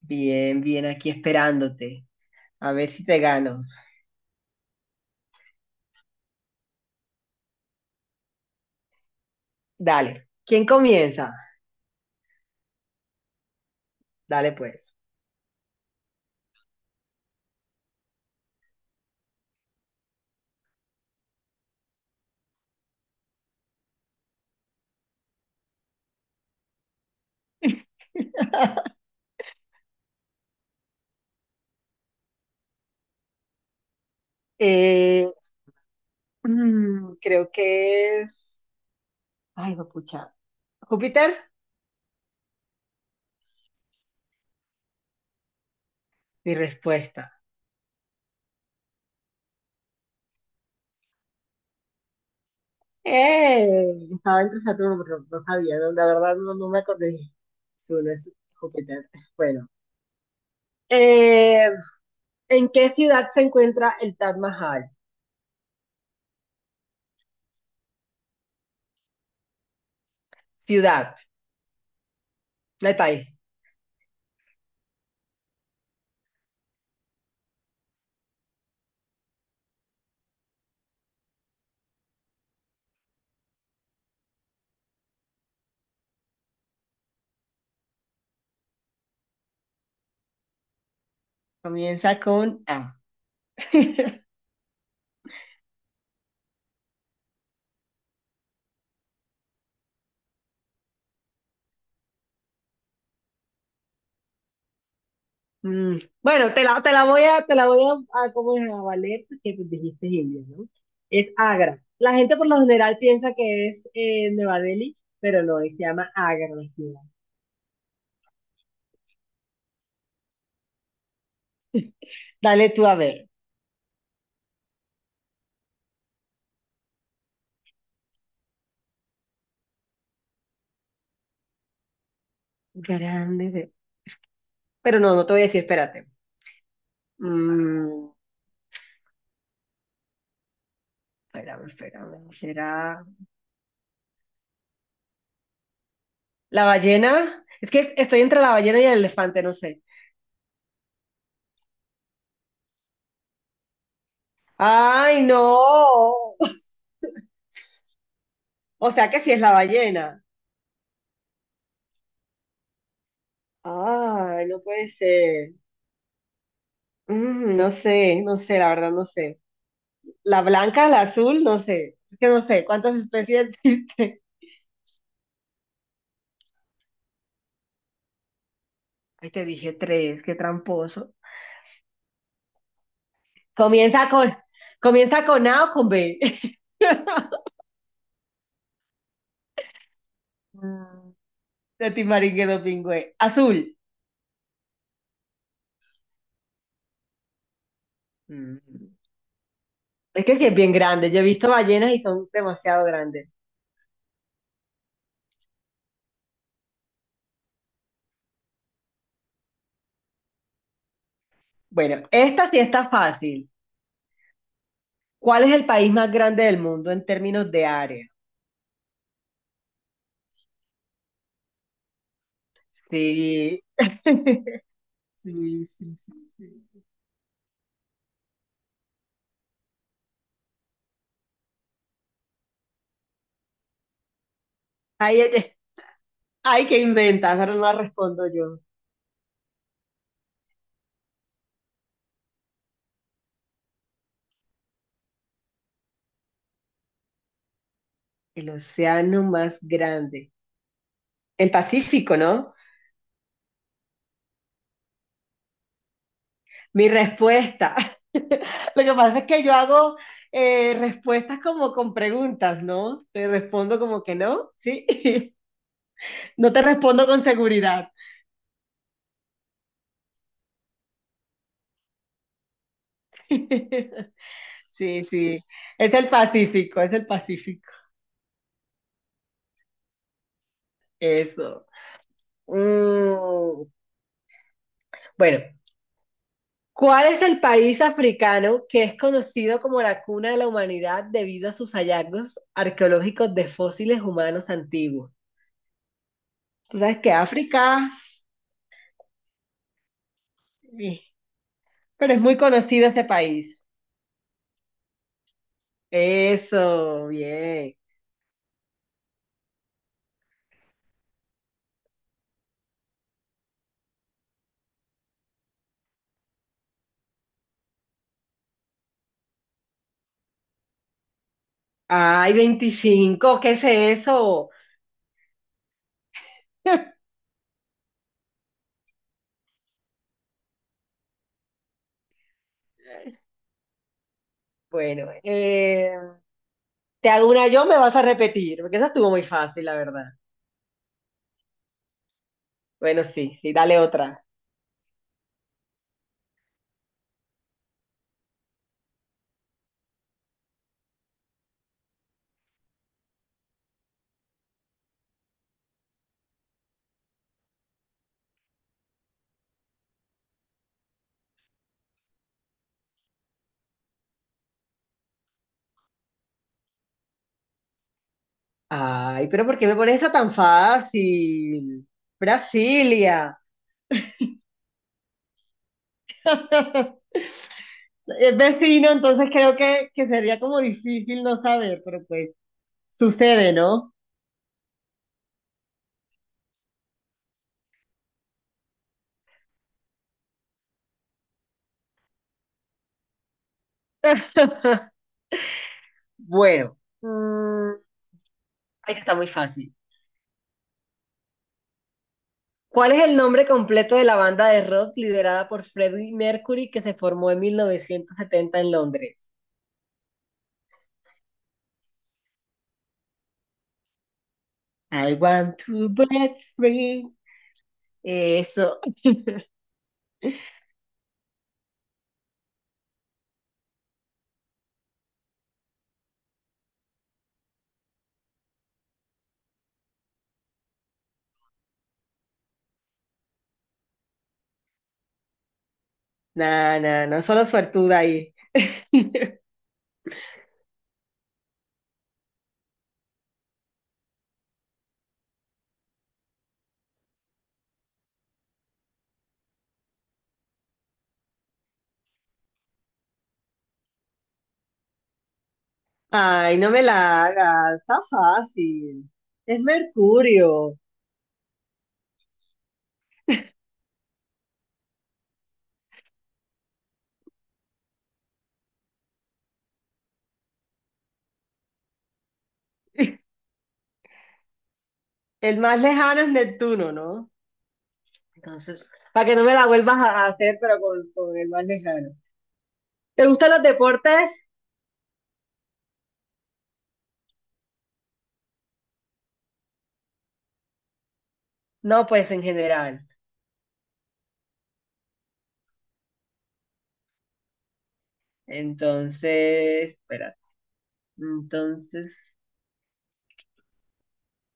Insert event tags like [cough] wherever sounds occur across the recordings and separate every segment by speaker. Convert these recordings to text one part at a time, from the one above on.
Speaker 1: Bien, bien, aquí esperándote. A ver si te gano. Dale. ¿Quién comienza? Dale, pues. [laughs] Eh, creo que es. Ay, pucha. ¿Júpiter? Mi respuesta. ¡Eh! Estaba entre Saturno, pero no sabía, no, la verdad no me acordé. Su No es Júpiter. Bueno. Eh, ¿En qué ciudad se encuentra el Taj Mahal? Ciudad, no hay país. Comienza con A. [laughs] Bueno, te la voy a, te la voy a ¿cómo es? A valer, que dijiste India, ¿no? Es Agra. La gente por lo general piensa que es Nueva Delhi, pero no, se llama Agra la ciudad. Dale tú a ver. Grande. Pero no te voy a decir, espérate. Mm, espérame. ¿Será la ballena? Es que estoy entre la ballena y el elefante, no sé. ¡Ay, no! [laughs] O sea que sí es la ballena. Ay, no puede ser. No sé, la verdad no sé. La blanca, la azul, no sé. Es que no sé cuántas especies [laughs] existen. Ay, te dije tres, qué tramposo. Comienza con, comienza con A o con B. [laughs] Mm, De Timaringuedo Pingüe. Azul. Mm. Es que sí es bien grande. Yo he visto ballenas y son demasiado grandes. Bueno, esta sí está fácil. ¿Cuál es el país más grande del mundo en términos de área? Sí. [laughs] Sí, sí, sí, sí. Ahí ay, ¿qué inventas? Ahora no respondo yo. El océano más grande. El Pacífico, ¿no? Mi respuesta. [laughs] Lo que pasa es que yo hago respuestas como con preguntas, ¿no? Te respondo como que no, ¿sí? [laughs] No te respondo con seguridad. [laughs] Sí, sí. Es el Pacífico, es el Pacífico. Eso. Mm, bueno, ¿cuál es el país africano que es conocido como la cuna de la humanidad debido a sus hallazgos arqueológicos de fósiles humanos antiguos? Tú sabes que África, eh, pero es muy conocido ese país. Eso, bien. Ay, 25, ¿qué es eso? [laughs] Bueno, te hago una yo, me vas a repetir, porque esa estuvo muy fácil, la verdad. Bueno, sí, sí, dale otra. Ay, pero ¿por qué me pones esa tan fácil? Brasilia. [laughs] Es vecino, entonces creo que sería como difícil no saber, pero pues sucede, ¿no? [laughs] Bueno, ay, que está muy fácil. ¿Cuál es el nombre completo de la banda de rock liderada por Freddie Mercury que se formó en 1970 en Londres? I want to break free. Eso. No, no, no, solo suertuda ahí. [laughs] Ay, no me la hagas, está fácil. Es Mercurio. El más lejano es Neptuno, ¿no? Entonces, para que no me la vuelvas a hacer, pero con el más lejano. ¿Te gustan los deportes? No, pues en general. Entonces, espérate. Entonces,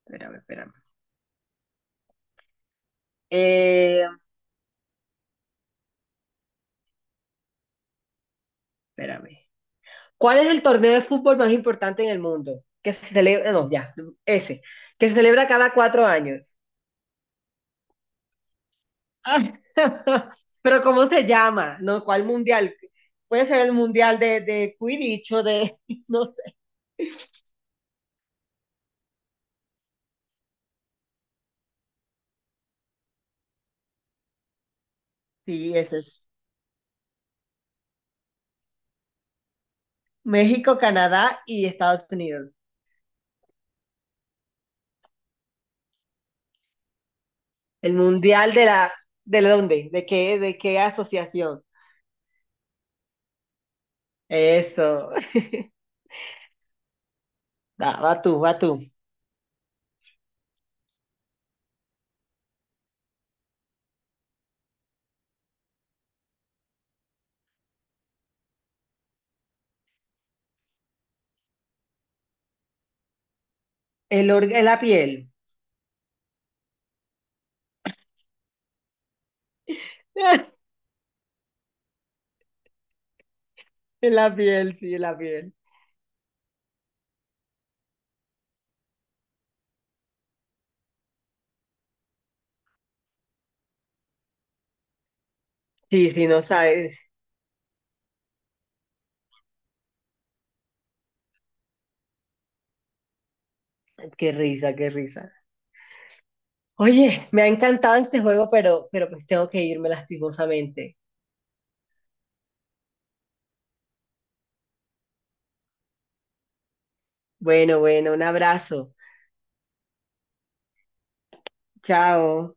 Speaker 1: espérame. Eh, espérame. ¿Cuál es el torneo de fútbol más importante en el mundo? Que se celebra, no, ya, ese, que se celebra cada 4 años. [laughs] Pero ¿cómo se llama? ¿No? ¿Cuál mundial? Puede ser el mundial de Quidditch o de, [laughs] no sé. Sí, ese es. México, Canadá y Estados Unidos. El mundial ¿de la dónde? De qué asociación? Eso. [laughs] Va, va tú, va tú. La piel. [laughs] En la piel, sí, en la piel. Sí, sí, no sabes. Qué risa, qué risa. Oye, me ha encantado este juego, pero pues tengo que irme lastimosamente. Bueno, bueno, un abrazo. Chao.